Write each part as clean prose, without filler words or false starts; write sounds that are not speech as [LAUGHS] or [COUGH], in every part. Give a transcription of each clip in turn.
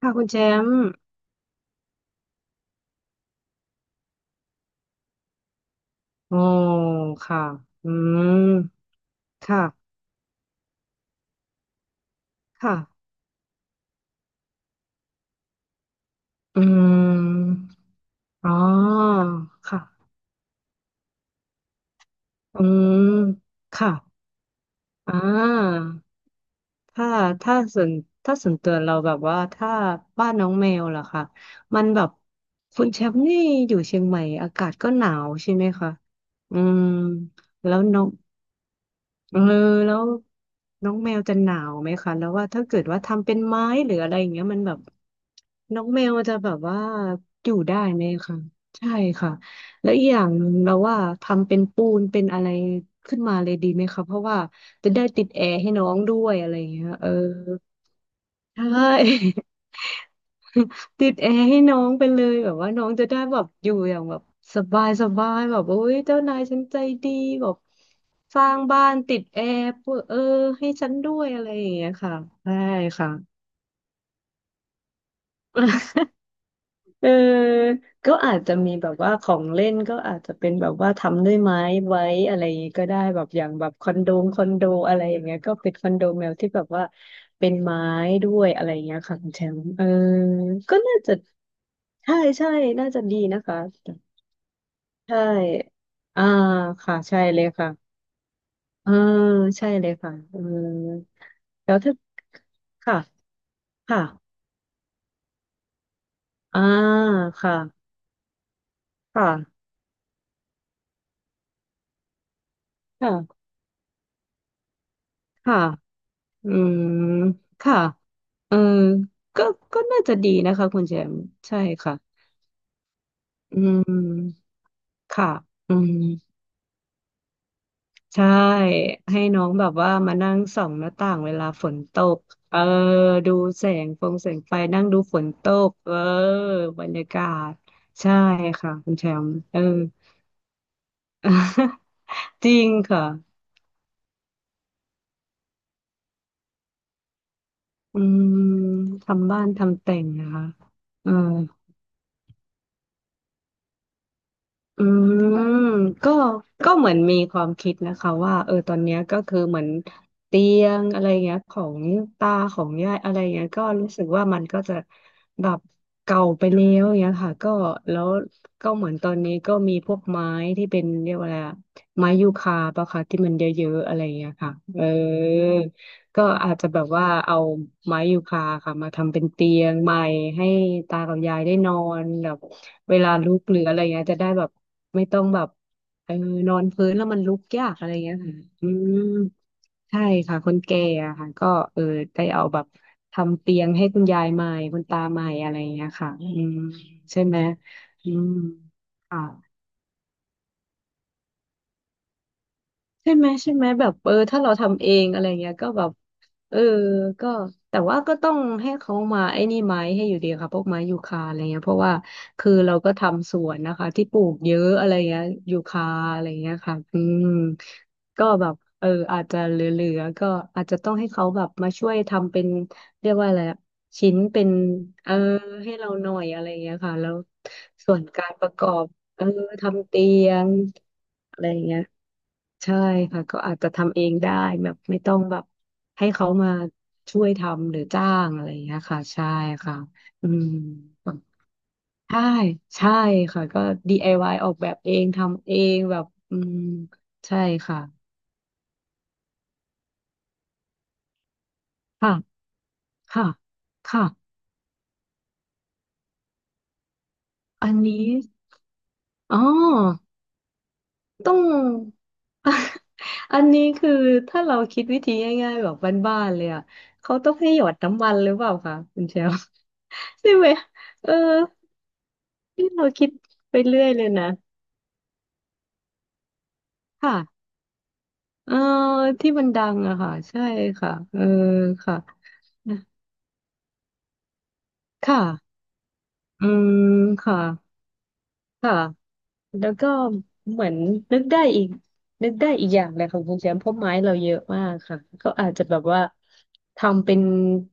ค่ะคุณแชมป์โอ้อค่ะอืมค่ะค่ะอืมอ๋อค่ะอืมค่ะอ่าถ้าถ้าส่วนถ้าส่วนตัวเราแบบว่าถ้าบ้านน้องแมวล่ะค่ะมันแบบคุณแชมป์นี่อยู่เชียงใหม่อากาศก็หนาวใช่ไหมคะอืมแล้วน้อง เออแล้วน้องแมวจะหนาวไหมคะแล้วว่าถ้าเกิดว่าทำเป็นไม้หรืออะไรอย่างเงี้ยมันแบบน้องแมวจะแบบว่าอยู่ได้ไหมคะใช่ค่ะแล้วอีกอย่างหนึ่งเราว่าทำเป็นปูนเป็นอะไรขึ้นมาเลยดีไหมคะเพราะว่าจะได้ติดแอร์ให้น้องด้วยอะไรอย่างเงี้ยเออใช่ ติดแอร์ให้น้องไปเลยแบบว่าน้องจะได้แบบอยู่อย่างแบบสบายสบายแบบโอ้ยเจ้านายฉันใจดีแบบสร้างบ้านติดแอร์เพื่อเออให้ฉันด้วยอะไรอย่างเงี้ยค่ะใช่ค่ะ [LAUGHS] เออก็อาจจะมีแบบว่าของเล่นก็อาจจะเป็นแบบว่าทำด้วยไม้ไว้อะไรอย่างงี้ก็ได้แบบอย่างแบบคอนโดอะไรอย่างเงี้ยก็เป็นคอนโดแมวที่แบบว่าเป็นไม้ด้วยอะไรอย่างเงี้ยค่ะคุณแชมป์เออก็น่าจะ ใช่ใช่น่าจะดีนะคะใช่อ่าค่ะใช่เลยค่ะเออใช่เลยค่ะเออแล้วถ้าค่ะค่ะอ่าค่ะค่ะค่ะค่ะอืมค่ะเออก็ก็น่าจะดีนะคะคุณแชมป์ใช่ค่ะอืมค่ะอืม ใช่ให้น้องแบบว่ามานั่งส่องหน้าต่างเวลาฝนตกเออดูแสงฟงแสงไฟนั่งดูฝนตกเออบรรยากาศใช่ค่ะคุณแชมป์เออ [LAUGHS] จริงค่ะอืมทำบ้านทำแต่งนะคะเออ อืมก็ก็เหมือนมีความคิดนะคะว่าเออตอนเนี้ยก็คือเหมือนเตียงอะไรเงี้ยของตาของยายอะไรเงี้ยก็รู้สึกว่ามันก็จะแบบเก่าไปแล้วเงี้ยค่ะก็แล้วก็เหมือนตอนนี้ก็มีพวกไม้ที่เป็นเรียกว่าอะไรอะไม้ยูคาปะคะที่มันเยอะๆอะไรเงี้ยค่ะเออ ก็อาจจะแบบว่าเอาไม้ยูคาค่ะมาทำเป็นเตียงใหม่ให้ตากับยายได้นอนแบบเวลาลุกหรืออะไรเงี้ยจะได้แบบไม่ต้องแบบเออนอนพื้นแล้วมันลุกยากอะไรเงี้ยค่ะอืมใช่ค่ะคนแก่อะค่ะก็เออได้เอาแบบทำเตียงให้คุณยายใหม่คุณตาใหม่อะไรเงี้ยค่ะอืมใช่ไหมอืมค่ะ ใช่ไหมแบบเออถ้าเราทำเองอะไรเงี้ยก็แบบเออก็แต่ว่าก็ต้องให้เขามาไอ้นี่ไม้ให้อยู่ดีค่ะพวกไม้ยูคาอะไรเงี้ยเพราะว่าคือเราก็ทำสวนนะคะที่ปลูกเยอะอะไรเงี้ยยูคาอะไรเงี้ยค่ะอืมก็แบบเอออาจจะเหลือๆก็อาจจะต้องให้เขาแบบมาช่วยทำเป็นเรียกว่าอะไรอะชิ้นเป็นเออให้เราหน่อยอะไรเงี้ยค่ะแล้วส่วนการประกอบ เออทำเตียงอะไรอย่างเงี้ยใช่ค่ะก็อาจจะทำเองได้แบบไม่ต้องแบบให้เขามาช่วยทำหรือจ้างอะไรอย่างเงี้ยค่ะใช่ค่ะอืมใช่ใช่ค่ะก็ DIY อวายออกแบบเองทำเองแบบอืมใช่ค่ะค่ะค่ะค่ะอันนี้อ๋อ ต้อง [LAUGHS] อันนี้คือถ้าเราคิดวิธีง่ายๆแบบบ้านๆเลยอ่ะ เขาต้องให้หยอดน้ำมันหรือเปล่าคะคุณเชล [LAUGHS] ใช่ไหมเออที่เราคิดไปเรื่อยเลยนะค่ะเออที่มันดังอะค่ะใช่ค่ะเออค่ะค่ะอืมค่ะค่ะ แล้วก็เหมือนนึกได้อีกนึกได้อีกอย่างเลยค่ะคุณแชมป์เพราะไม้เราเยอะมากค่ะก็อาจจะแบบว่าทำเป็น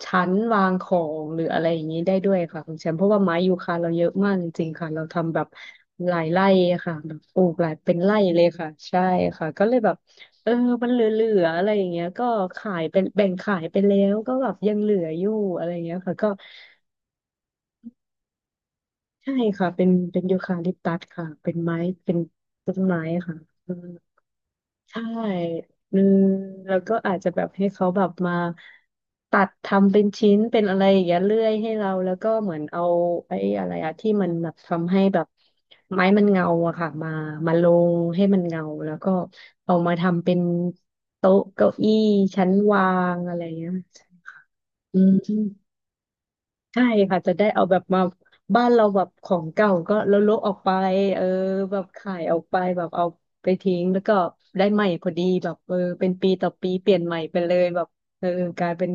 ชั้นวางของหรืออะไรอย่างนี้ได้ด้วยค่ะคุณแชมป์เพราะว่าไม้ยูคาเราเยอะมากจริงๆค่ะเราทำแบบหลายไร่อะค่ะแบบปลูกหลายเป็นไร่เลยค่ะใช่ค่ะก็เลยแบบเออมันเหลือๆอะไรอย่างเงี้ยก็ขายเป็นแบ่งขายไปแล้วก็แบบยังเหลืออยู่อะไรอย่างเงี้ยค่ะก็ใช่ค่ะเป็นยูคาลิปตัสค่ะเป็นไม้เป็นต้นไม้ค่ะ ใช่อืมแล้วก็อาจจะแบบให้เขาแบบมาตัดทำเป็นชิ้นเป็นอะไรอย่างเงี้ยเลื่อยให้เราแล้วก็เหมือนเอาไอ้อะไรอะที่มันแบบทำให้แบบไม้มันเงาอะค่ะมามาลงให้มันเงาแล้วก็เอามาทำเป็นโต๊ะเก้าอี้ชั้นวางอะไรเงี้ยอืม ใช่ค่ะจะได้เอาแบบมาบ้านเราแบบของเก่าก็แล้วลบออกไปเออแบบขายออกไปแบบเอาไปทิ้งแล้วก็ได้ใหม่พอดีแบบเออเป็นปีต่อปีเปลี่ยนใหม่ไปเลยแบบเออกลายเป็น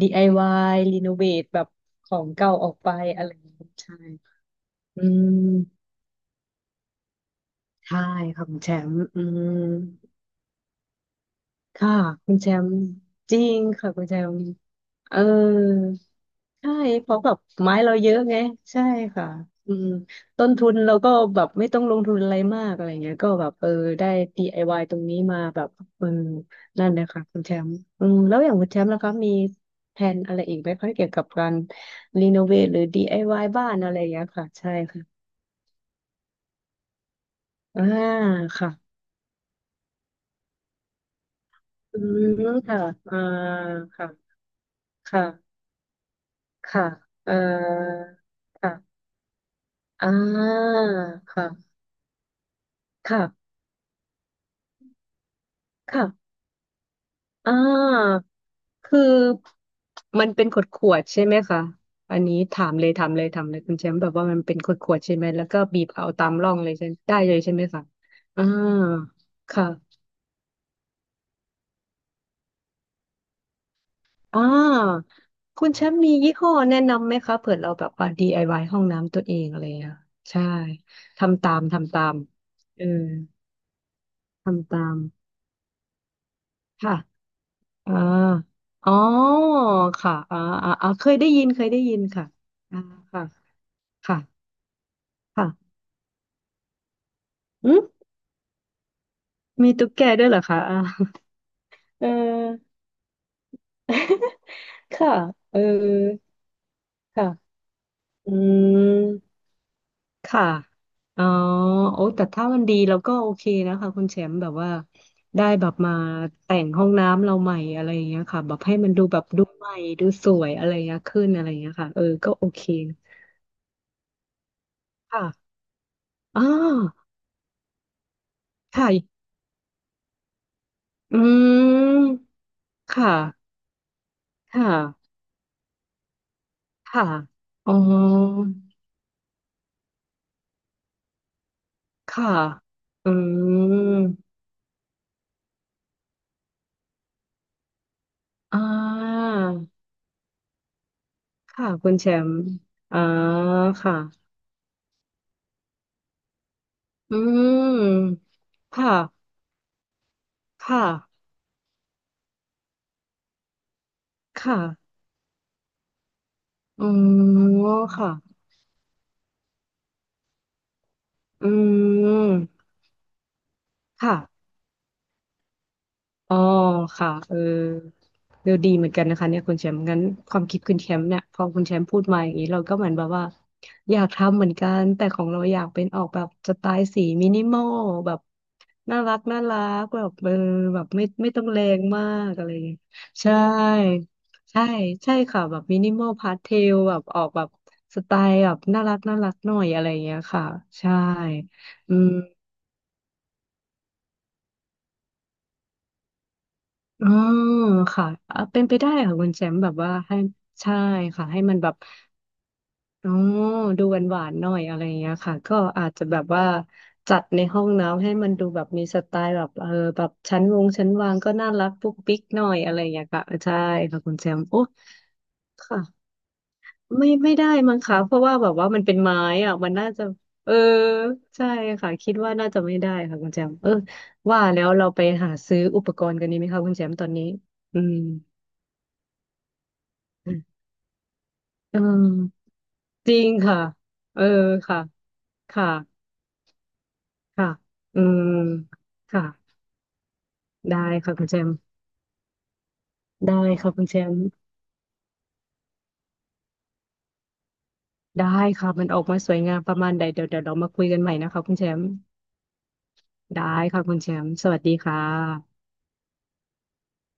DIY รีโนเวทแบบของเก่าออกไปอะไรอย่างเงี้ยใช่อืมใช่ค่ะคุณแชมป์อืม ค่ะคุณแชมป์จริงค่ะคุณแชมป์เออใช่เพราะแบบไม้เราเยอะไงใช่ค่ะอืมต้นทุนเราก็แบบไม่ต้องลงทุนอะไรมากอะไรเงี้ยก็แบบเออได้ DIY ตรงนี้มาแบบเออนั่นเลยค่ะคุณแชมป์อืมแล้วอย่างคุณแชมป์ล่ะคะมีแผนอะไรอีกไหมคะเกี่ยวกับการรีโนเวทหรือ DIY บ้านอะไรอย่างเงี้ยค่ะใช่ค่ะอ่าค่ะอืมค่ะอ่าค่ะค่ะ ค่ะเอ่อค่ะอ่าค่ะค่ะค่ะอ่าคือมันเป็นขวดขวดๆใช่ไหมคะ อันนี้ถามเลยถามเลยถามเลยคุณแชมป์แบบว่ามันเป็นขวดขวดใช่ไหมแล้วก็บีบเอาตามร่องเลยใช่ได้เลยใช่ไหมคะอ่าค่ะอ่าคุณแชมป์มียี่ห้อแนะนำไหมคะเผื่อเราแบบว่า DIY ห้องน้ำตัวเองอะไรอย่างเงี้ยใช่ ทำตามทำตามเออทำตามค่ะ อ่าอ๋อค่ะอ่าอ่าอ่าเคยได้ยินเคยได้ยินค่ะอ่าค่ะค่ะค่ะอืมมีตุ๊กแกด้วยเหรอคะอ่า [LAUGHS] เออค่ะเออค่ะอืมค่ะอ๋อโอ้แต่ถ้ามันดีเราก็โอเคนะคะคุณแชมป์แบบว่าได้แบบมาแต่งห้องน้ำเราใหม่อะไรอย่างเงี้ยค่ะแบบให้มันดูแบบดูใหม่ดูสวยอะไรอย่างเงี้ยขึ้นอะไรอย่างเงี้ยค่ะเออก็โอเคค่ะอ่าค่ะอืม ค่ะค่ะค่ะอ๋อค่ะอืมอ่าค่ะคุณแชมป์อ่าค่ะอืมค่ะค่ะค่ะอ๋อค่ะอืมค่ะ อ๋อค่ะเออเออดีเหมือนกันนะคะเนี่ยคุณแชมป์งั้นความคิดคุณแชมป์เนี่ยพอคุณแชมป์พูดมาอย่างนี้เราก็เหมือนแบบว่าอยากทำเหมือนกันแต่ของเราอยากเป็นออกแบบสไตล์สีมินิมอลแบบน่ารักน่ารักแบบเออแบบไม่ไม่ต้องแรงมากอะไรอย่างเงี้ยใช่ใช่ใช่ค่ะแบบมินิมอลพาสเทลแบบออกแบบสไตล์แบบน่ารักน่ารักหน่อยอะไรอย่างเงี้ยค่ะใช่อืม อ๋อค่ะเป็นไปได้ค่ะคุณแชมป์แบบว่าให้ใช่ค่ะให้มันแบบอ๋อดูหวานหวานหน่อยอะไรอย่างเงี้ยค่ะก็อาจจะแบบว่าจัดในห้องน้ำให้มันดูแบบมีสไตล์แบบเออแบบชั้นวงชั้นวางก็น่ารักปุ๊กปิ๊กหน่อยอะไรอย่างเงี้ยค่ะใช่ค่ะคุณแชมป์โอ้ค่ะไม่ไม่ได้มั้งคะเพราะว่าแบบว่ามันเป็นไม้อ่ะมันน่าจะเออใช่ค่ะคิดว่าน่าจะไม่ได้ค่ะคุณแชมป์เออว่าแล้วเราไปหาซื้ออุปกรณ์กันดีไหมคะคุณแชมป์ตอนนี้อืม เออจริงค่ะเออค่ะค่ะค่ะอืมค่ะได้ค่ะคุณแชมป์ได้ค่ะคุณแชมป์ได้ค่ะมันออกมาสวยงามประมาณใดเดี๋ยวเดี๋ยวเรามาคุยกันใหม่นะคะคุณแชมป์ได้ค่ะคุณแชมป์สวัสดีค่ะ